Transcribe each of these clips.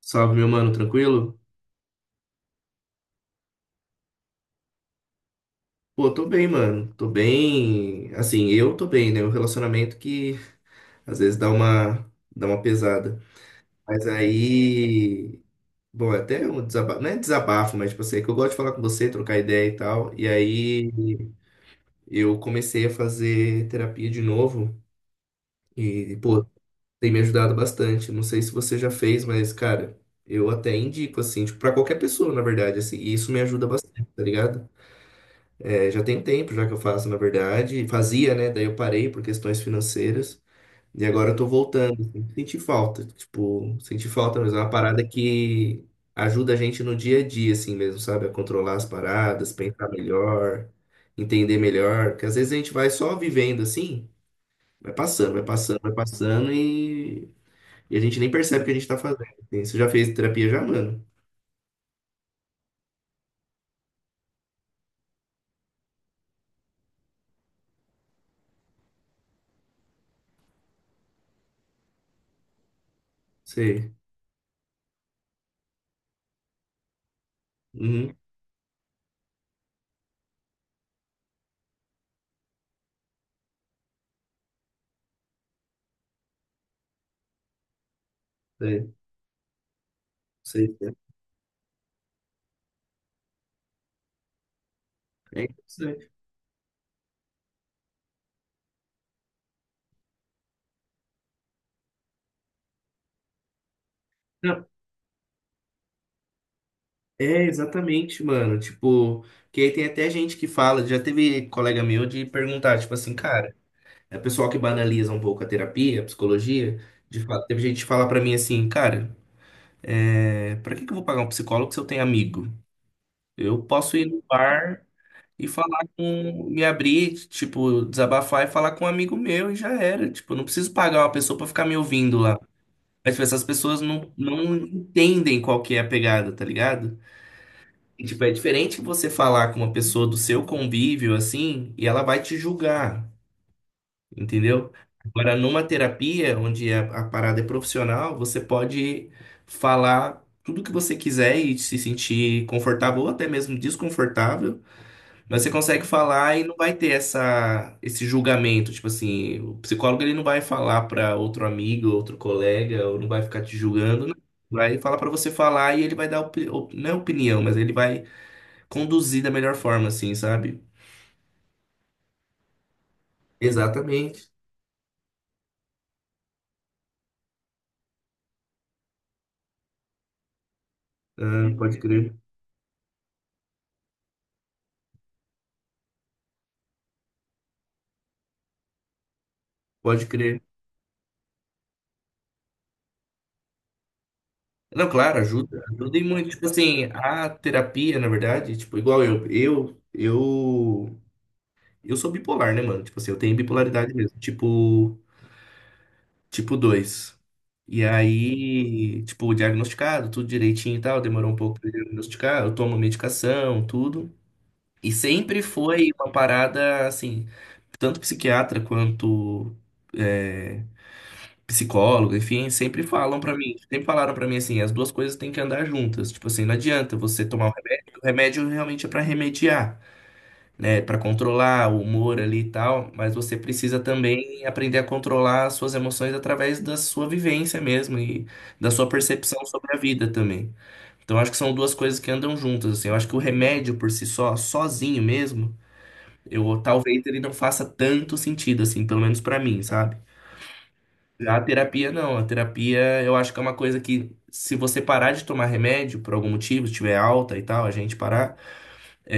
Salve, meu mano, tranquilo? Pô, tô bem, mano. Tô bem. Assim, eu tô bem, né? O relacionamento que às vezes dá uma pesada. Mas aí. Bom, é até um desabafo. Não é desabafo, mas tipo assim, é que eu gosto de falar com você, trocar ideia e tal. E aí eu comecei a fazer terapia de novo. E, pô, tem me ajudado bastante. Não sei se você já fez, mas, cara, eu até indico, assim, tipo, pra qualquer pessoa, na verdade, assim. E isso me ajuda bastante, tá ligado? É, já tem tempo já que eu faço, na verdade. Fazia, né? Daí eu parei por questões financeiras. E agora eu tô voltando assim. Senti falta. Tipo, senti falta, mas é uma parada que ajuda a gente no dia a dia, assim mesmo, sabe? A controlar as paradas, pensar melhor, entender melhor. Porque às vezes a gente vai só vivendo assim, vai passando, vai passando, vai passando e a gente nem percebe o que a gente tá fazendo assim. Você já fez terapia já, mano? Sei. Uhum, sei. Sei, sei. É interessante. É, exatamente, mano. Tipo, que aí tem até gente que fala, já teve colega meu de perguntar, tipo assim, cara, é pessoal que banaliza um pouco a terapia, a psicologia, de fato, teve gente que fala pra mim assim, cara, é, pra que que eu vou pagar um psicólogo se eu tenho amigo? Eu posso ir no bar e falar com, me abrir, tipo, desabafar e falar com um amigo meu e já era. Tipo, eu não preciso pagar uma pessoa pra ficar me ouvindo lá. Mas, tipo, essas pessoas não entendem qual que é a pegada, tá ligado? E, tipo, é diferente você falar com uma pessoa do seu convívio, assim, e ela vai te julgar, entendeu? Agora, numa terapia, onde a parada é profissional, você pode falar tudo que você quiser e se sentir confortável ou até mesmo desconfortável, mas você consegue falar e não vai ter esse julgamento. Tipo assim, o psicólogo ele não vai falar para outro amigo, outro colega, ou não vai ficar te julgando, não. Vai falar para você falar e ele vai dar, não é opinião, mas ele vai conduzir da melhor forma, assim, sabe? Exatamente. Ah, pode crer, pode crer. Não, claro, ajuda, ajuda e muito. Tipo assim, a terapia, na verdade, tipo, igual eu, eu sou bipolar, né, mano? Tipo assim, eu tenho bipolaridade mesmo, tipo, tipo 2. E aí, tipo, diagnosticado, tudo direitinho e tal, demorou um pouco pra diagnosticar, eu tomo medicação, tudo. E sempre foi uma parada, assim, tanto psiquiatra quanto é, psicólogos, enfim, sempre falam pra mim, sempre falaram pra mim assim, as duas coisas têm que andar juntas. Tipo assim, não adianta você tomar o remédio realmente é pra remediar, né, pra controlar o humor ali e tal, mas você precisa também aprender a controlar as suas emoções através da sua vivência mesmo e da sua percepção sobre a vida também. Então acho que são duas coisas que andam juntas, assim. Eu acho que o remédio por si só, sozinho mesmo, eu talvez ele não faça tanto sentido assim, pelo menos pra mim, sabe? A terapia não, a terapia eu acho que é uma coisa que se você parar de tomar remédio por algum motivo, se tiver alta e tal, a gente parar,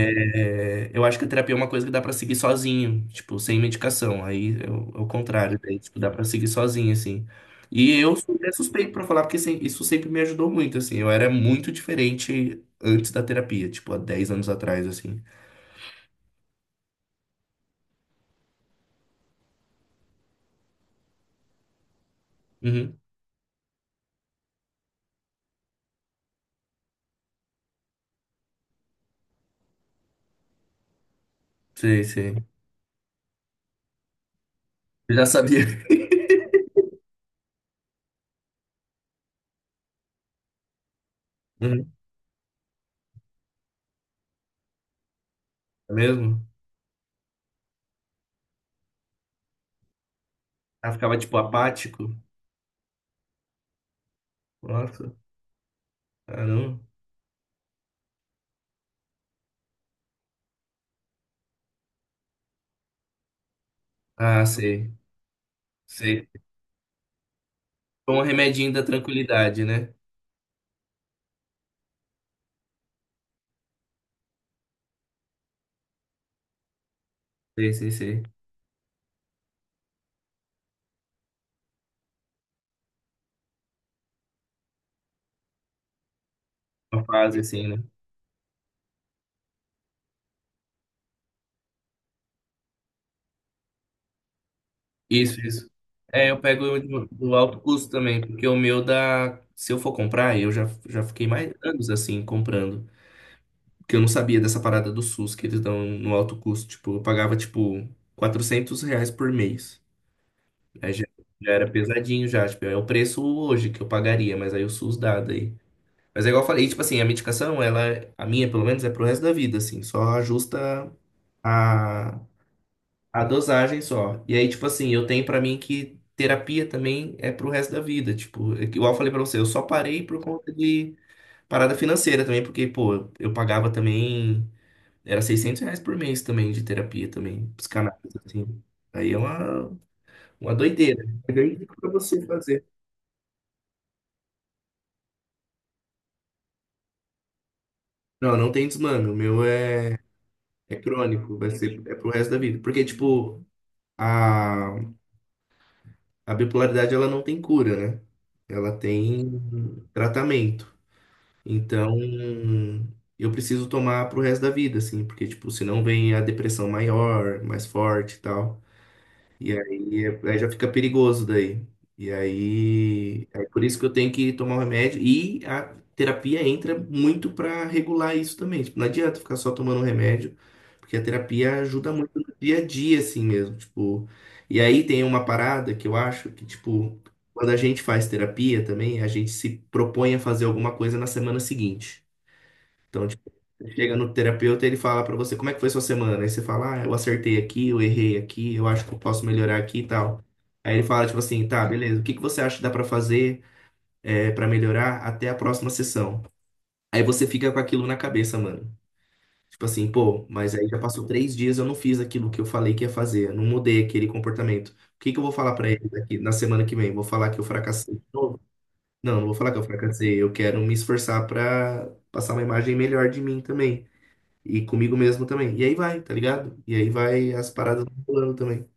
é, eu acho que a terapia é uma coisa que dá pra seguir sozinho, tipo, sem medicação. Aí é o contrário, daí, tipo, dá pra seguir sozinho, assim. E eu sou até suspeito pra falar, porque isso sempre me ajudou muito, assim. Eu era muito diferente antes da terapia, tipo, há 10 anos atrás, assim. Uhum, sei, sei. Eu já sabia. Uhum, é mesmo? Ah, ficava, tipo, apático. Nossa, caramba. Ah, sei, sei. Foi um remedinho da tranquilidade, né? Sei, sei, sei. Uma fase assim, né? Isso, isso. É, eu pego o do alto custo também, porque o meu dá. Se eu for comprar, eu já, já fiquei mais anos assim comprando. Porque eu não sabia dessa parada do SUS que eles dão no alto custo. Tipo, eu pagava tipo R$ 400 por mês. Aí já, já era pesadinho já. Tipo, é o preço hoje que eu pagaria, mas aí o SUS dá daí. Mas é igual eu falei, tipo assim, a medicação, ela, a minha pelo menos, é pro resto da vida, assim, só ajusta a, a dosagem só. E aí, tipo assim, eu tenho pra mim que terapia também é pro resto da vida, tipo, é que igual eu falei pra você, eu só parei por conta de parada financeira também, porque, pô, eu pagava também, era R$ 600 por mês também de terapia também, psicanálise, assim. Aí é uma doideira. Eu indico pra você fazer. Não, não tem desmano, o meu é, é crônico, vai ser, é pro resto da vida. Porque, tipo, a, a bipolaridade ela não tem cura, né? Ela tem tratamento. Então, eu preciso tomar pro resto da vida, assim, porque, tipo, senão vem a depressão maior, mais forte e tal. E aí, aí já fica perigoso daí. E aí, é por isso que eu tenho que tomar o remédio. E a terapia entra muito para regular isso também. Tipo, não adianta ficar só tomando remédio, porque a terapia ajuda muito no dia a dia, assim mesmo. Tipo, e aí tem uma parada que eu acho que, tipo, quando a gente faz terapia também, a gente se propõe a fazer alguma coisa na semana seguinte. Então, tipo, você chega no terapeuta e ele fala pra você como é que foi sua semana. Aí você fala, ah, eu acertei aqui, eu errei aqui, eu acho que eu posso melhorar aqui e tal. Aí ele fala, tipo assim, tá, beleza, o que que você acha que dá pra fazer é, para melhorar até a próxima sessão? Aí você fica com aquilo na cabeça, mano. Tipo assim, pô, mas aí já passou 3 dias, eu não fiz aquilo que eu falei que ia fazer, eu não mudei aquele comportamento. O que que eu vou falar pra ele daqui na semana que vem? Vou falar que eu fracassei de novo? Não, não vou falar que eu fracassei, eu quero me esforçar pra passar uma imagem melhor de mim também. E comigo mesmo também. E aí vai, tá ligado? E aí vai as paradas rolando também.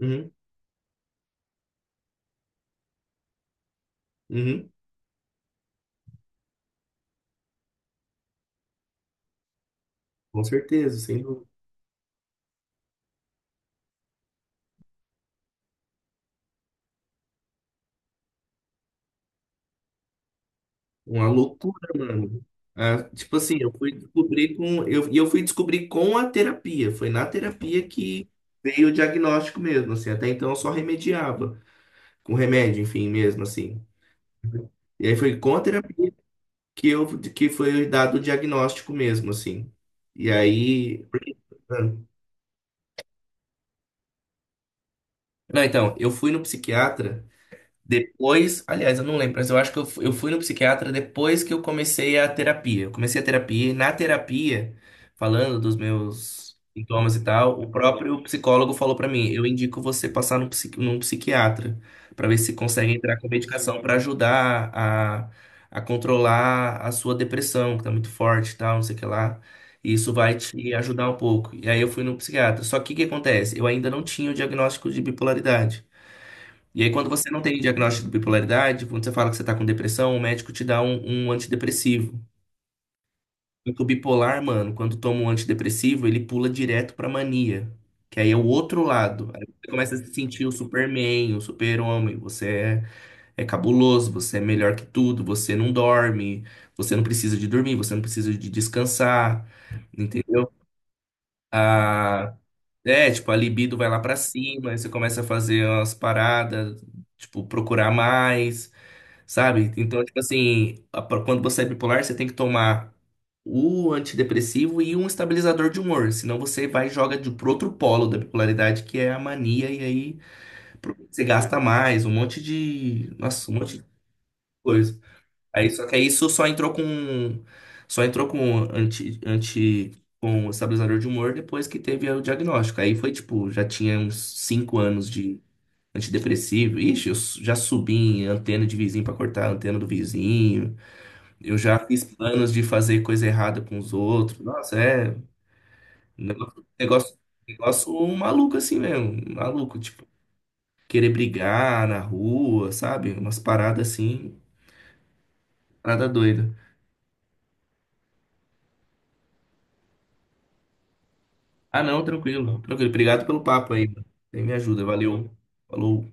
Uhum, uhum, com certeza, sem dúvida. Uma loucura, mano. Ah, tipo assim, eu fui descobrir com a terapia. Foi na terapia que veio o diagnóstico mesmo, assim. Até então eu só remediava. Com remédio, enfim, mesmo, assim. E aí foi com a terapia que, que foi dado o diagnóstico mesmo, assim. E aí, não, então, eu fui no psiquiatra. Depois, aliás, eu não lembro, mas eu acho que eu fui no psiquiatra depois que eu comecei a terapia. Eu comecei a terapia e na terapia, falando dos meus sintomas e tal, o próprio psicólogo falou pra mim: eu indico você passar num, num psiquiatra pra ver se consegue entrar com medicação pra ajudar a controlar a sua depressão, que tá muito forte e tal, não sei o que lá. E isso vai te ajudar um pouco. E aí eu fui no psiquiatra. Só que o que acontece? Eu ainda não tinha o diagnóstico de bipolaridade. E aí, quando você não tem diagnóstico de bipolaridade, quando você fala que você tá com depressão, o médico te dá um antidepressivo. Só o bipolar, mano, quando toma um antidepressivo, ele pula direto pra mania, que aí é o outro lado. Aí você começa a se sentir o Superman, o super-homem. Você é, é cabuloso, você é melhor que tudo, você não dorme, você não precisa de dormir, você não precisa de descansar, entendeu? A- é, tipo, a libido vai lá pra cima, aí você começa a fazer umas paradas, tipo, procurar mais. Sabe? Então, tipo assim, quando você é bipolar, você tem que tomar o antidepressivo e um estabilizador de humor. Senão você vai e joga de, pro outro polo da bipolaridade, que é a mania, e aí você gasta mais, um monte de. Nossa, um monte de coisa. Aí, só que aí isso só entrou com. Só entrou com anti, anti, com o estabilizador de humor depois que teve o diagnóstico. Aí foi tipo, já tinha uns 5 anos de antidepressivo. Ixi, já subi em antena de vizinho pra cortar a antena do vizinho. Eu já fiz planos de fazer coisa errada com os outros. Nossa, é um negócio, negócio, negócio maluco assim mesmo, maluco, tipo, querer brigar na rua, sabe? Umas paradas assim, parada doida. Ah, não, tranquilo, tranquilo. Obrigado pelo papo aí, mano. Você me ajuda, valeu. Falou.